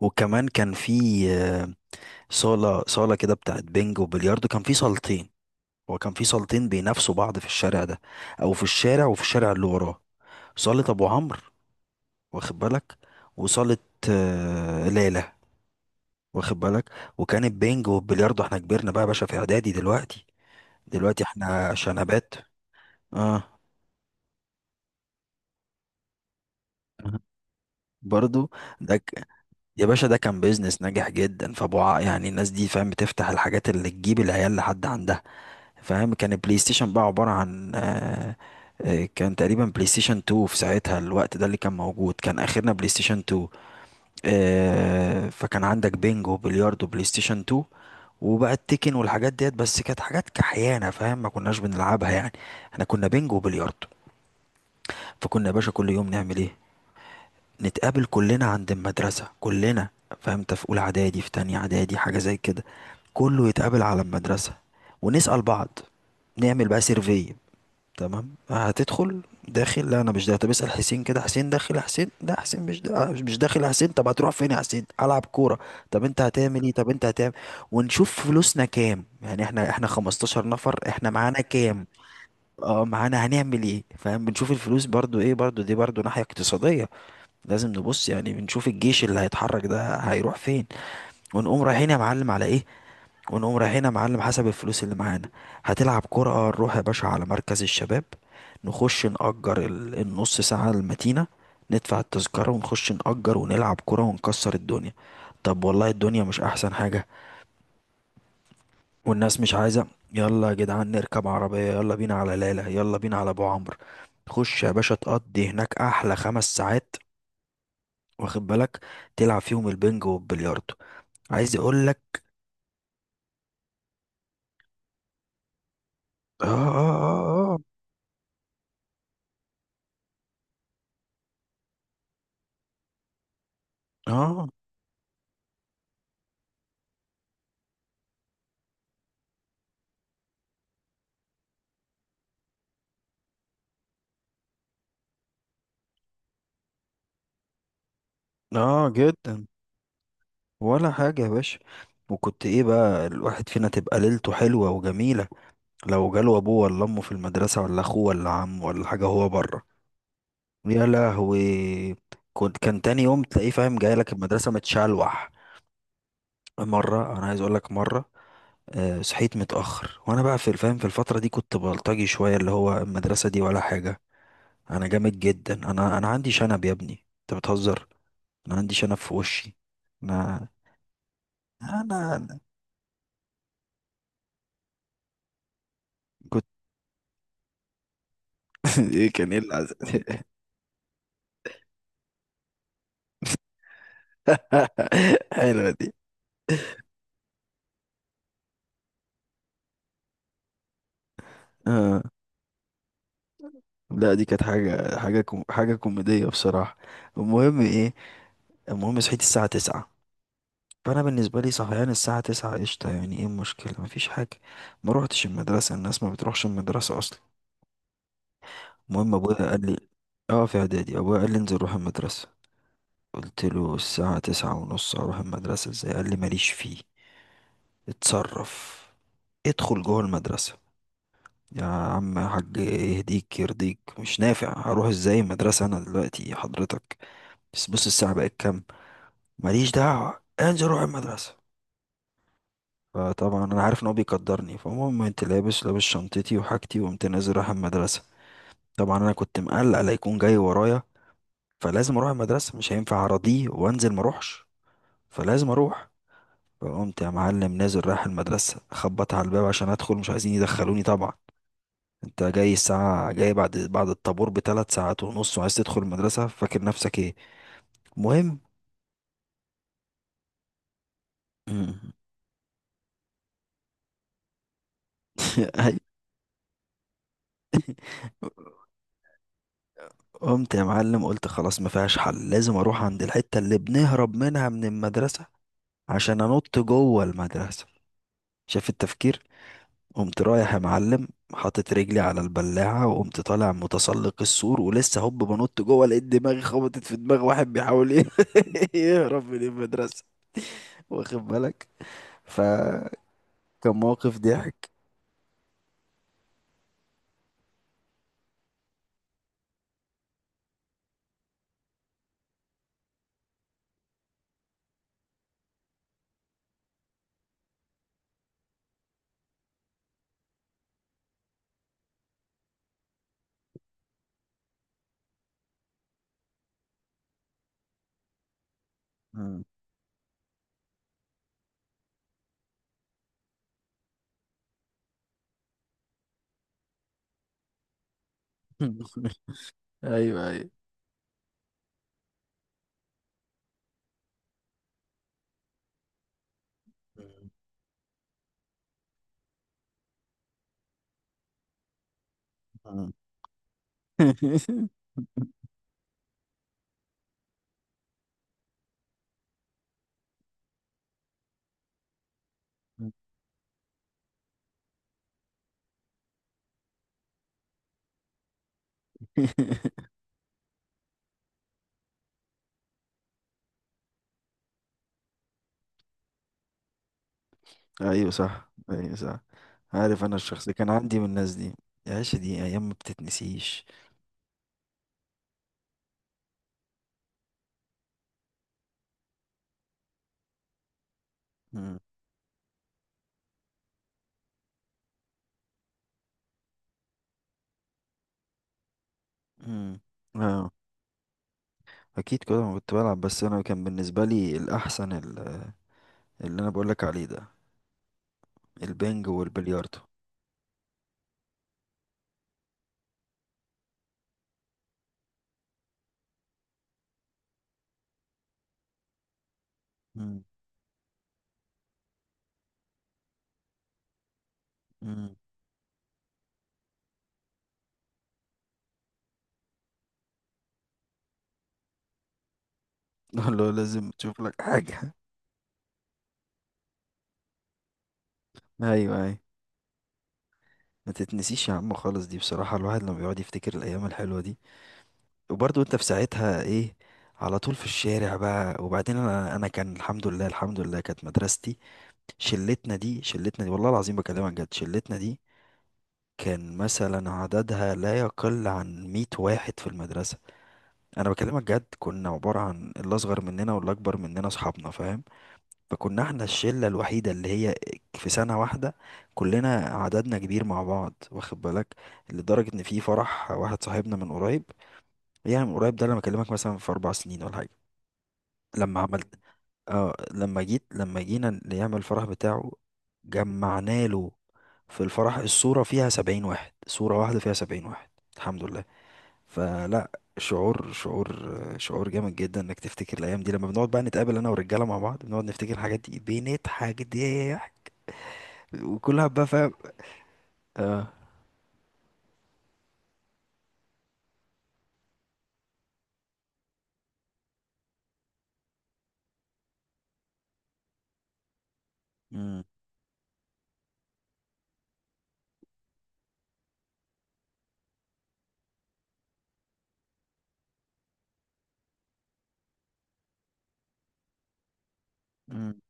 وكمان كان في آه، صالة صالة كده بتاعت بينج وبلياردو. كان في صالتين. هو كان في صالتين بينافسوا بعض في الشارع ده، أو في الشارع وفي الشارع اللي وراه. صالة أبو عمرو، واخد بالك، وصالة ليلى، واخد بالك. وكان البينج والبلياردو، احنا كبرنا بقى يا باشا، في إعدادي دلوقتي. دلوقتي احنا شنبات. اه، برضو. ده ك... يا باشا، ده كان بيزنس ناجح جدا، يعني الناس دي، فاهم، بتفتح الحاجات اللي تجيب العيال لحد عندها. فاهم، كان البلاي ستيشن بقى عبارة عن كان تقريبا بلاي ستيشن 2 في ساعتها، الوقت ده اللي كان موجود، كان اخرنا بلاي ستيشن 2. فكان عندك بينجو، بلياردو، بلاي ستيشن 2. وبقى التيكن والحاجات ديت، بس كانت حاجات كحيانة، فاهم، ما كناش بنلعبها يعني. احنا كنا بينجو وبلياردو. فكنا يا باشا كل يوم نعمل ايه؟ نتقابل كلنا عند المدرسة كلنا، فهمت، في اولى اعدادي، في تانية اعدادي حاجة زي كده. كله يتقابل على المدرسة ونسأل بعض، نعمل بقى سيرفي. تمام، هتدخل؟ داخل؟ لا، انا مش داخل. طب اسال حسين كده. حسين داخل؟ يا حسين، لا حسين مش داخل. يا حسين، طب هتروح فين يا حسين؟ العب كوره. طب انت هتعمل ايه؟ طب انت هتعمل. ونشوف فلوسنا كام، يعني احنا 15 نفر، احنا معانا كام؟ اه، معانا، هنعمل ايه؟ فاهم، بنشوف الفلوس برضو، ايه برضو، دي برضو ناحيه اقتصاديه، لازم نبص يعني. بنشوف الجيش اللي هيتحرك ده هيروح فين، ونقوم رايحين يا معلم على ايه. ونقوم رايحين يا معلم حسب الفلوس اللي معانا. هتلعب كرة؟ نروح يا باشا على مركز الشباب. نخش نأجر النص ساعة المتينة، ندفع التذكرة ونخش نأجر ونلعب كرة ونكسر الدنيا. طب والله الدنيا مش أحسن حاجة؟ والناس مش عايزة. يلا يا جدعان نركب عربية، يلا بينا على ليلى، يلا بينا على أبو عمرو. خش يا باشا تقضي هناك أحلى 5 ساعات، واخد بالك، تلعب فيهم البنج والبلياردو. عايز أقولك. آه، آه، آه. آه، آه. آه، آه، جدا. ولا حاجة يا باشا. وكنت ايه بقى، الواحد فينا تبقى ليلته حلوة وجميلة لو جاله ابوه ولا امه في المدرسة، ولا اخوه ولا عمه ولا حاجة، هو بره. يا لهوي. كنت كان تاني يوم تلاقيه، فاهم، جاي لك المدرسة متشلوح. مرة انا عايز اقول لك مرة، صحيت متأخر. وانا بقى في الفهم في الفترة دي كنت بلطجي شوية، اللي هو المدرسة دي ولا حاجة، انا جامد جدا، انا عندي شنب يا ابني انت بتهزر، انا عندي شنب في وشي، انا انا ايه كان ايه حلوه دي. اه، لا دي كانت حاجه حاجه كوميديه بصراحه. المهم ايه؟ المهم صحيت الساعه 9. فانا بالنسبه لي صحيان الساعه 9 قشطه، يعني ايه المشكله، مفيش حاجه. ما روحتش المدرسه، الناس ما بتروحش المدرسه اصلا. المهم ابويا قال لي، اه في اعدادي، ابويا قال لي انزل روح المدرسه. قلت له الساعه 9 ونص اروح المدرسه ازاي؟ قال لي ماليش فيه، اتصرف، ادخل جوه المدرسه. يا عم يا حاج يهديك يرضيك، مش نافع، هروح ازاي المدرسة انا دلوقتي حضرتك؟ بس بص الساعة بقت كام. ماليش دعوة، انزل روح المدرسة. فطبعا انا عارف ان هو بيقدرني، فالمهم، انت لابس، لابس شنطتي وحاجتي، وقمت نازل رايح المدرسة. طبعا انا كنت مقلق لا يكون جاي ورايا، فلازم اروح المدرسة، مش هينفع اراضيه وانزل ما اروحش، فلازم اروح. فقمت يا معلم نازل رايح المدرسة، خبط على الباب عشان ادخل، مش عايزين يدخلوني طبعا. انت جاي الساعة، جاي بعد الطابور بثلاث ساعات ونص وعايز تدخل المدرسة، فاكر نفسك ايه؟ المهم أي- قمت يا معلم قلت خلاص، ما فيهاش حل، لازم اروح عند الحتة اللي بنهرب منها من المدرسة عشان انط جوه المدرسة. شايف التفكير. قمت رايح يا معلم، حاطط رجلي على البلاعة وقمت طالع متسلق السور، ولسه هوب بنط جوه لقيت دماغي خبطت في دماغ واحد بيحاول ايه يهرب من المدرسة. واخد بالك. فكان موقف ضحك. ايوه، ايوه. مم. ايوه صح، ايوه صح. عارف انا الشخص ده كان عندي من الناس دي. يا عيشة، دي ايام ما بتتنسيش. مم. مم. اه. اكيد كده ما كنت بلعب، بس انا كان بالنسبه لي الاحسن اللي انا بقول لك عليه ده، البنج والبلياردو. مم. مم. اللي هو لازم تشوف لك حاجه. ايوه، ايوه. ما تتنسيش يا عم خالص، دي بصراحه الواحد لما بيقعد يفتكر الايام الحلوه دي. وبرضه انت في ساعتها ايه، على طول في الشارع بقى. وبعدين انا كان الحمد لله، الحمد لله كانت مدرستي. شلتنا دي، شلتنا دي، والله العظيم بكلمك جد، شلتنا دي كان مثلا عددها لا يقل عن 100 واحد في المدرسة. انا بكلمك جد، كنا عبارة عن اللي اصغر مننا واللي اكبر مننا اصحابنا، فاهم. فكنا احنا الشلة الوحيدة اللي هي في سنة واحدة كلنا، عددنا كبير مع بعض، واخد بالك. لدرجة ان في فرح واحد صاحبنا من قريب، يعني من قريب ده انا بكلمك مثلا في 4 سنين ولا حاجة، لما عملت، اه لما جيت، لما جينا نعمل الفرح بتاعه، جمعنا له في الفرح، الصورة فيها 70 واحد، صورة واحدة فيها 70 واحد، الحمد لله. فلا، شعور شعور شعور جامد جدا انك تفتكر الايام دي. لما بنقعد بقى نتقابل انا والرجالة مع بعض، بنقعد نفتكر الحاجات دي، بنضحك ضحك، وكلها بقى، فاهم. اه. مم. مم.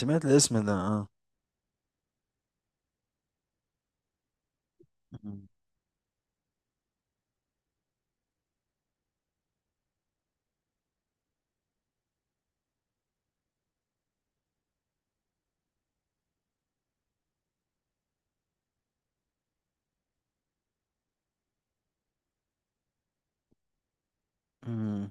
سمعت الاسم ده، اه. مم. مم.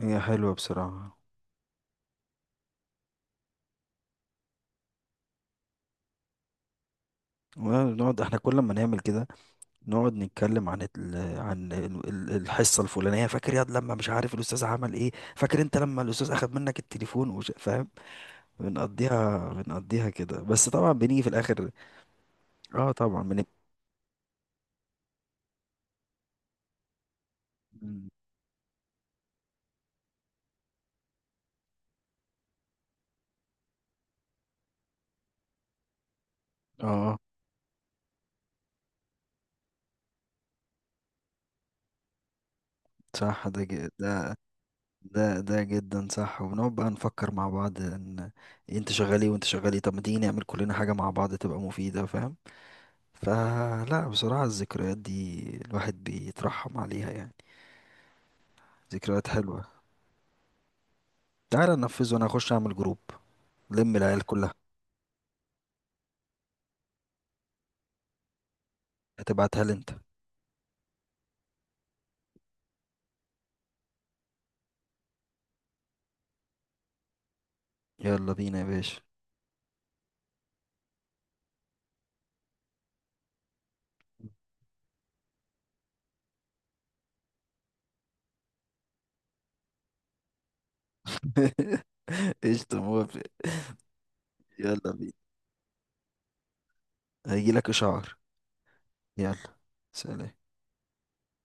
هي حلوة بصراحة. ونقعد احنا كل ما نعمل كده، نقعد نتكلم عن الحصه الفلانيه، فاكر ياد لما مش عارف الاستاذ عمل ايه، فاكر انت لما الاستاذ اخذ منك التليفون فاهم. بنقضيها، بنقضيها كده، بس طبعا بنيجي في الاخر. اه طبعا مم. اه صح. ده ج... ده ده ده جدا صح. وبنقعد بقى نفكر مع بعض ان، إيه، انت شغال ايه وانت شغال ايه، طب ما تيجي نعمل كلنا حاجه مع بعض تبقى مفيده، فاهم. فلا بصراحه الذكريات دي الواحد بيترحم عليها يعني، ذكريات حلوه. تعالى ننفذ، وانا اخش اعمل جروب، لم العيال كلها. هتبعتها لي انت. يلا بينا يا باشا. قشطة، موافق. يلا بينا. هيجيلك إشعار. يلا. سلام.